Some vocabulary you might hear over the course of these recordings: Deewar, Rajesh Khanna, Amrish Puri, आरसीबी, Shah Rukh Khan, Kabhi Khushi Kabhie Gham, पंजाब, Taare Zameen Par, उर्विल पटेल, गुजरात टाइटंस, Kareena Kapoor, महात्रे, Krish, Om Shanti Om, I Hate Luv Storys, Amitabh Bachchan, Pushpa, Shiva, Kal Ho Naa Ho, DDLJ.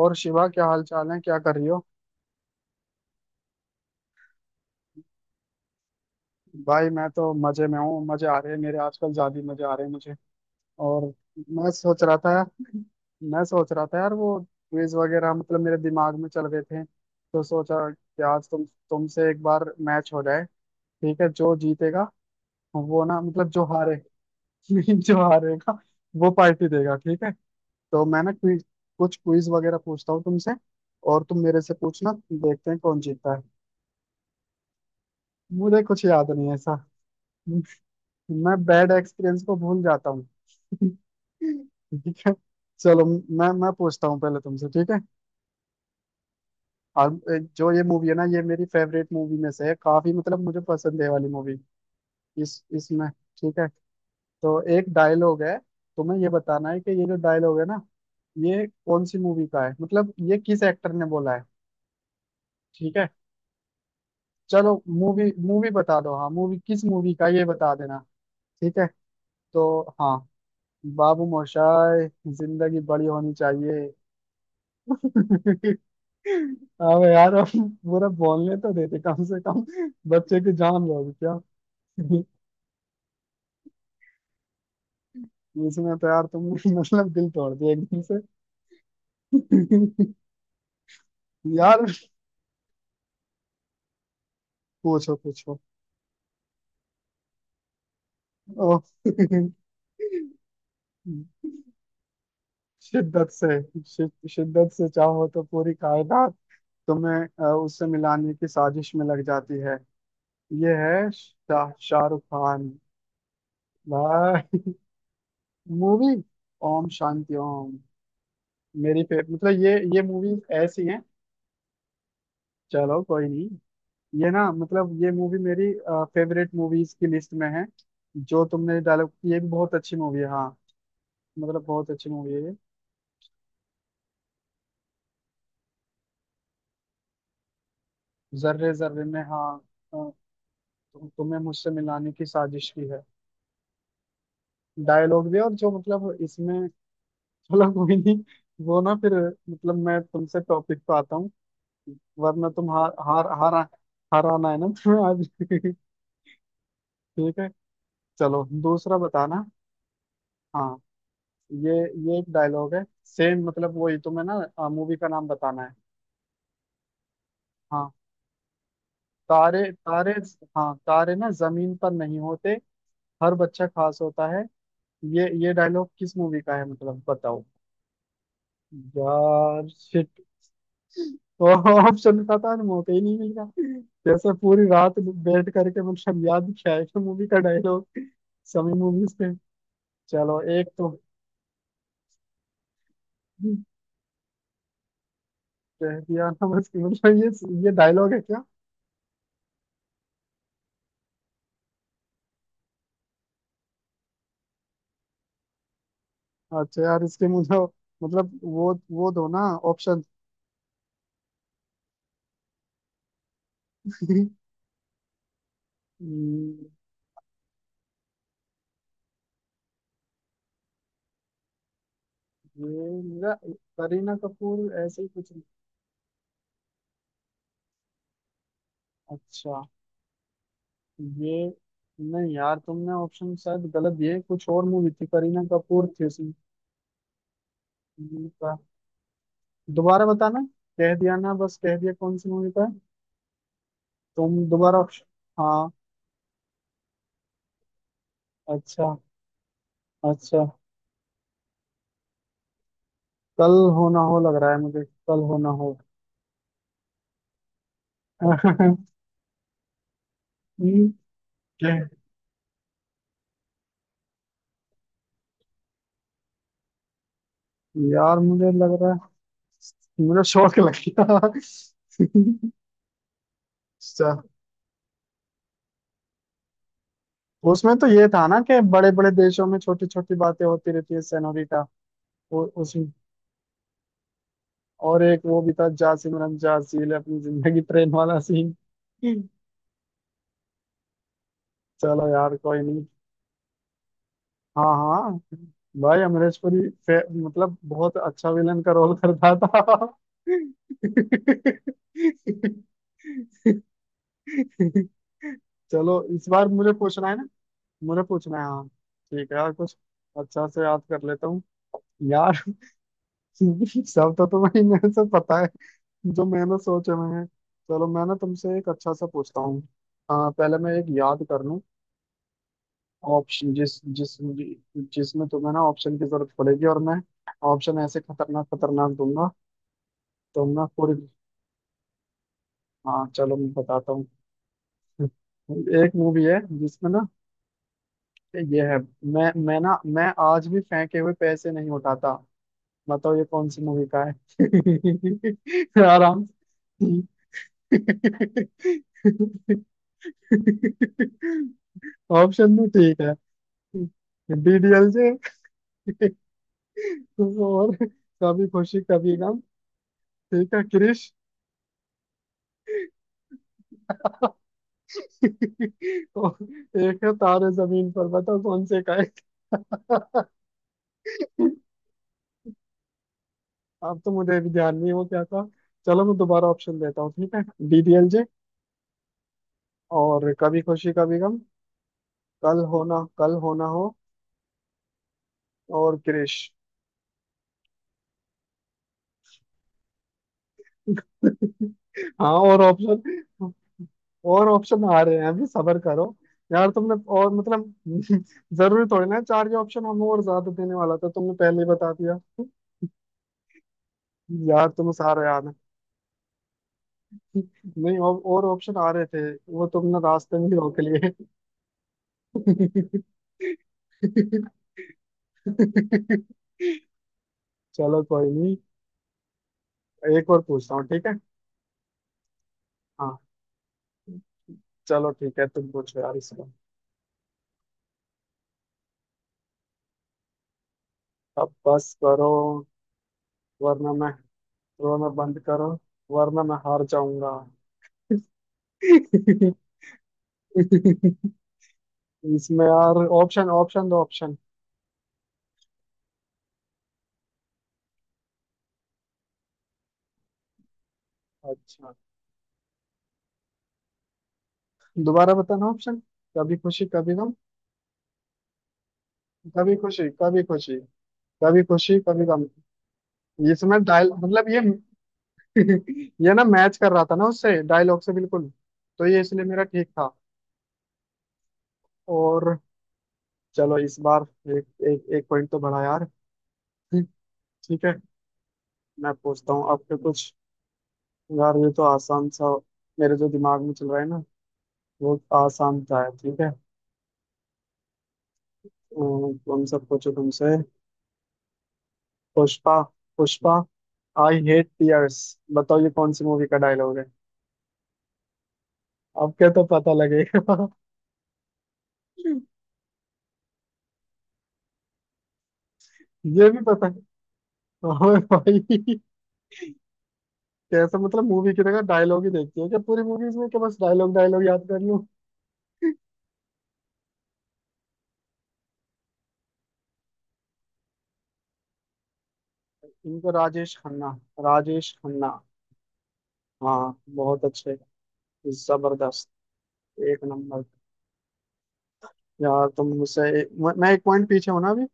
और शिवा, क्या हाल चाल है? क्या कर रही हो? भाई, मैं तो मजे में हूँ। मजे आ रहे हैं मेरे आजकल, ज्यादा ही मजे आ रहे हैं मुझे। और मैं सोच रहा था मैं सोच रहा था यार, वो क्विज वगैरह मतलब मेरे दिमाग में चल रहे थे, तो सोचा कि आज तुमसे एक बार मैच हो जाए। ठीक है, जो जीतेगा, वो ना मतलब जो हारे जो हारेगा, वो पार्टी देगा। ठीक है, तो मैं ना क्विज, कुछ क्विज वगैरह पूछता हूँ तुमसे, और तुम मेरे से पूछना, देखते हैं कौन जीतता है। मुझे कुछ याद नहीं है ऐसा। मैं बैड एक्सपीरियंस को भूल जाता हूँ। ठीक है, चलो मैं पूछता हूँ पहले तुमसे। ठीक है, और एक, जो ये मूवी है ना, ये मेरी फेवरेट मूवी में से है काफी, मतलब मुझे पसंद है ये वाली मूवी। इस इसमें ठीक है, तो एक डायलॉग है, तुम्हें ये बताना है कि ये जो डायलॉग है ना, ये कौन सी मूवी का है, मतलब ये किस एक्टर ने बोला है। ठीक है, चलो मूवी, मूवी बता दो। हाँ, मूवी, किस मूवी का है, ये बता देना। ठीक है, तो हाँ, बाबू मोशाय, जिंदगी बड़ी होनी चाहिए। अब यार, अब पूरा बोलने तो देते कम से कम। बच्चे की जान लोगे क्या? इसमें तो यार तुमने मतलब दिल तोड़ दिया एकदम से। यार, पूछो पूछो। ओ, शिद्दत से, शिद्दत से चाहो तो पूरी कायनात तुम्हें उससे मिलाने की साजिश में लग जाती है। ये है शाहरुख खान। भाई, मूवी, ओम शांति ओम। मेरी फेवरेट, मतलब ये मूवीज ऐसी हैं। चलो कोई नहीं। ये ना, मतलब ये मूवी मेरी फेवरेट मूवीज की लिस्ट में है। जो तुमने डायलॉग, ये भी बहुत अच्छी मूवी है, हाँ। मतलब बहुत अच्छी मूवी है ये। जर्रे जर्रे में, हाँ। अ, तुम्हें मुझसे मिलाने की साजिश की है। डायलॉग भी, और जो मतलब इसमें, चलो कोई नहीं, वो ना फिर, मतलब मैं तुमसे टॉपिक पे आता हूँ, वरना तुम हार हार हार हार आना है ना तुम्हें आज ठीक है, चलो दूसरा बताना। हाँ, ये ये एक डायलॉग है सेम, मतलब वही, तुम्हें ना मूवी का नाम बताना है। हाँ, तारे तारे। हाँ, तारे ना जमीन पर नहीं होते, हर बच्चा खास होता है। ये डायलॉग किस मूवी का है, मतलब बताओ। यार, शिट। तो ऑप्शन का था, मौका ही नहीं मिल रहा, जैसे पूरी रात बैठ करके मतलब याद किया है कि मूवी का डायलॉग, सभी मूवीज पे। चलो, एक तो कह दिया ना, बस कि मतलब ये डायलॉग है क्या? अच्छा यार, इसके मुझे मतलब, वो दो ना ऑप्शन। हम्म, ये मेरा करीना कपूर, ऐसे ही कुछ। अच्छा, ये, नहीं यार, तुमने ऑप्शन शायद गलत दिए, कुछ और मूवी थी, करीना कपूर थी उसमें। ये का- दोबारा बताना, कह दिया ना बस कह दिया कौन सी मूवी का है? तुम दोबारा ऑप्शन। हाँ, अच्छा, अच्छा, कल हो ना हो, लग रहा है मुझे, कल हो ना हो। हम्म, क्या? यार, मुझे लग रहा है मुझे शौक लग गया अच्छा, उसमें तो ये था ना कि बड़े बड़े देशों में छोटी छोटी बातें होती रहती है सेनोरिटा, वो उस, और एक वो भी था, जा सिमरन जा, जी ले अपनी जिंदगी, ट्रेन वाला सीन। चलो यार, कोई नहीं। हाँ हाँ। भाई, अमरीश पुरी मतलब बहुत अच्छा विलन का रोल करता था। चलो, इस बार मुझे पूछना है ना, मुझे पूछना है, हाँ। ठीक है यार, कुछ अच्छा से याद कर लेता हूँ यार सब तो तुम्हें मेरे से पता है, जो मैंने सोचे हुए हैं। चलो, मैं ना तुमसे एक अच्छा सा पूछता हूँ। हाँ, पहले मैं एक याद कर लूँ। ऑप्शन, जिस जिस जिसमें तुम्हें ना ऑप्शन की जरूरत पड़ेगी, और मैं ऑप्शन ऐसे खतरनाक खतरनाक दूंगा तुम ना पूरी। हाँ, चलो, मैं बताता हूँ। एक मूवी है, जिसमें ना, ये है, मैं आज भी फेंके हुए पैसे नहीं उठाता। बताओ, ये कौन सी मूवी का है? आराम। ऑप्शन भी ठीक है, डीडीएलजे, और कभी खुशी कभी गम, ठीक है, क्रिश, और एक है तारे जमीन पर। बताओ, कौन से का है? अब तो मुझे भी ध्यान नहीं है वो क्या था। चलो, मैं दोबारा ऑप्शन देता हूँ, ठीक है। डीडीएलजे, और कभी खुशी कभी गम, कल होना हो, और क्रिश। हाँ, और ऑप्शन, और ऑप्शन आ रहे हैं अभी, सबर करो। यार, तुमने और, मतलब जरूरी थोड़ी ना है चार के ऑप्शन, हम और ज्यादा देने वाला था, तुमने पहले ही बता दिया। यार, तुम्हें सारा याद है। नहीं, और ऑप्शन आ रहे थे, वो तुमने रास्ते में ही रोक लिए। चलो कोई नहीं, एक और पूछता हूँ, ठीक है। हाँ, चलो ठीक है, तुम पूछो यार इसको। अब बस करो, वरना मैं, रोना बंद करो, वरना मैं हार जाऊंगा। इसमें यार ऑप्शन, ऑप्शन दो ऑप्शन। अच्छा, दोबारा बताना ऑप्शन। कभी खुशी कभी गम, कभी खुशी कभी खुशी कभी खुशी कभी गम। इसमें डायल, मतलब ये ये ना मैच कर रहा था ना उससे डायलॉग से बिल्कुल, तो ये इसलिए मेरा ठीक था। और चलो इस बार, एक, एक पॉइंट तो बढ़ा यार। ठीक है, मैं पूछता हूँ आपके कुछ। यार, ये तो आसान सा, मेरे जो दिमाग में चल रहा है ना, वो आसान था है। ठीक है। तुम सब पूछो तुमसे। Pushpa, Pushpa, I hate tears. बताओ, ये कौन सी मूवी का डायलॉग है? आपके तो पता लगेगा ये भी पता है। ओए भाई, कैसा, मतलब मूवी की जगह डायलॉग ही देखती है क्या पूरी मूवीज में? क्या, बस डायलॉग डायलॉग याद कर लूं? इनको, राजेश खन्ना। राजेश खन्ना। हाँ, बहुत अच्छे। जबरदस्त। एक नंबर। यार, तुम मुझसे, मैं एक पॉइंट पीछे हूं ना अभी।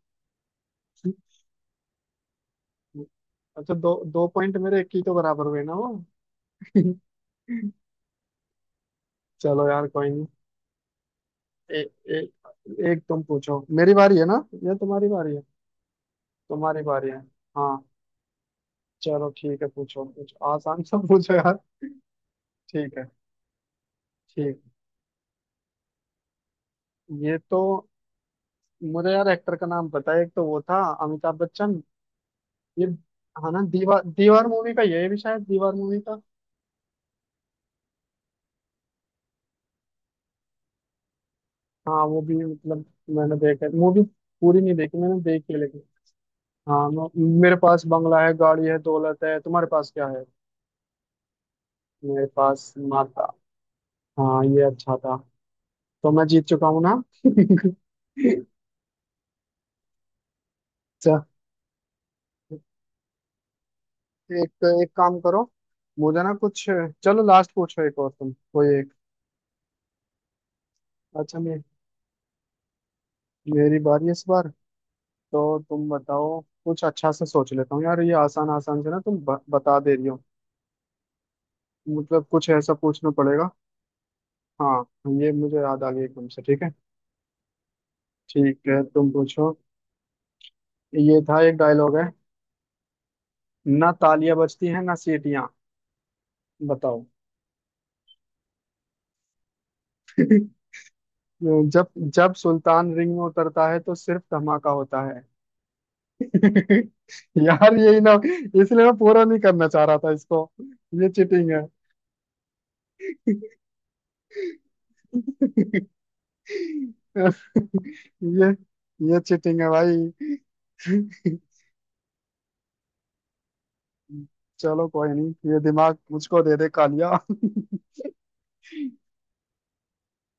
अच्छा, दो दो पॉइंट, मेरे एक ही तो बराबर हुए ना वो। चलो यार, कोई। ए, ए, एक तुम पूछो, मेरी बारी है ना, या तुम्हारी बारी है? तुम्हारी बारी है। हाँ, चलो ठीक है, पूछो कुछ आसान सा पूछो यार। ठीक है, ठीक। ये तो, मुझे यार एक्टर का नाम पता है, एक तो वो था, अमिताभ बच्चन। ये, हाँ ना, दीवार दीवार मूवी का, ये भी शायद दीवार मूवी का। हाँ, वो भी मतलब मैंने देखा मूवी, पूरी नहीं देखी, मैंने देखी है लेकिन। हाँ, मेरे पास बंगला है, गाड़ी है, दौलत है, तुम्हारे पास क्या है? मेरे पास माता। हाँ, ये अच्छा था, तो मैं जीत चुका हूँ ना? अच्छा, एक तो एक काम करो, मुझे ना कुछ, चलो लास्ट पूछो एक, और तुम कोई एक। अच्छा, मेरी बारी इस बार, तो तुम बताओ, कुछ अच्छा से सोच लेता हूँ यार, ये आसान आसान से ना तुम बता दे रही हो, मतलब कुछ ऐसा पूछना पड़ेगा। हाँ, ये मुझे याद आ गया एकदम से, ठीक है। ठीक है, तुम पूछो। ये था, एक डायलॉग है, ना तालियां बजती हैं ना सीटियां, बताओ जब जब सुल्तान रिंग में उतरता है तो सिर्फ धमाका होता है। यार, यही ना, इसलिए मैं पूरा नहीं करना चाह रहा था इसको। ये चीटिंग है। ये ये चीटिंग है भाई। चलो कोई नहीं, ये दिमाग मुझको दे दे कालिया।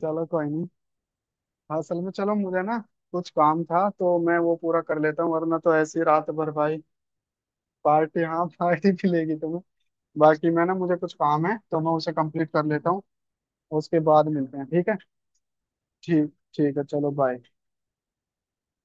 चलो कोई नहीं। हाँ, असल में चलो, मुझे ना कुछ काम था, तो मैं वो पूरा कर लेता हूँ, वरना तो ऐसी रात भर भाई। पार्टी, हाँ, पार्टी मिलेगी तुम्हें, बाकी मैं ना, मुझे कुछ काम है तो मैं उसे कंप्लीट कर लेता हूँ। उसके बाद मिलते हैं, ठीक है। ठीक। ठीक है, चलो, बाय।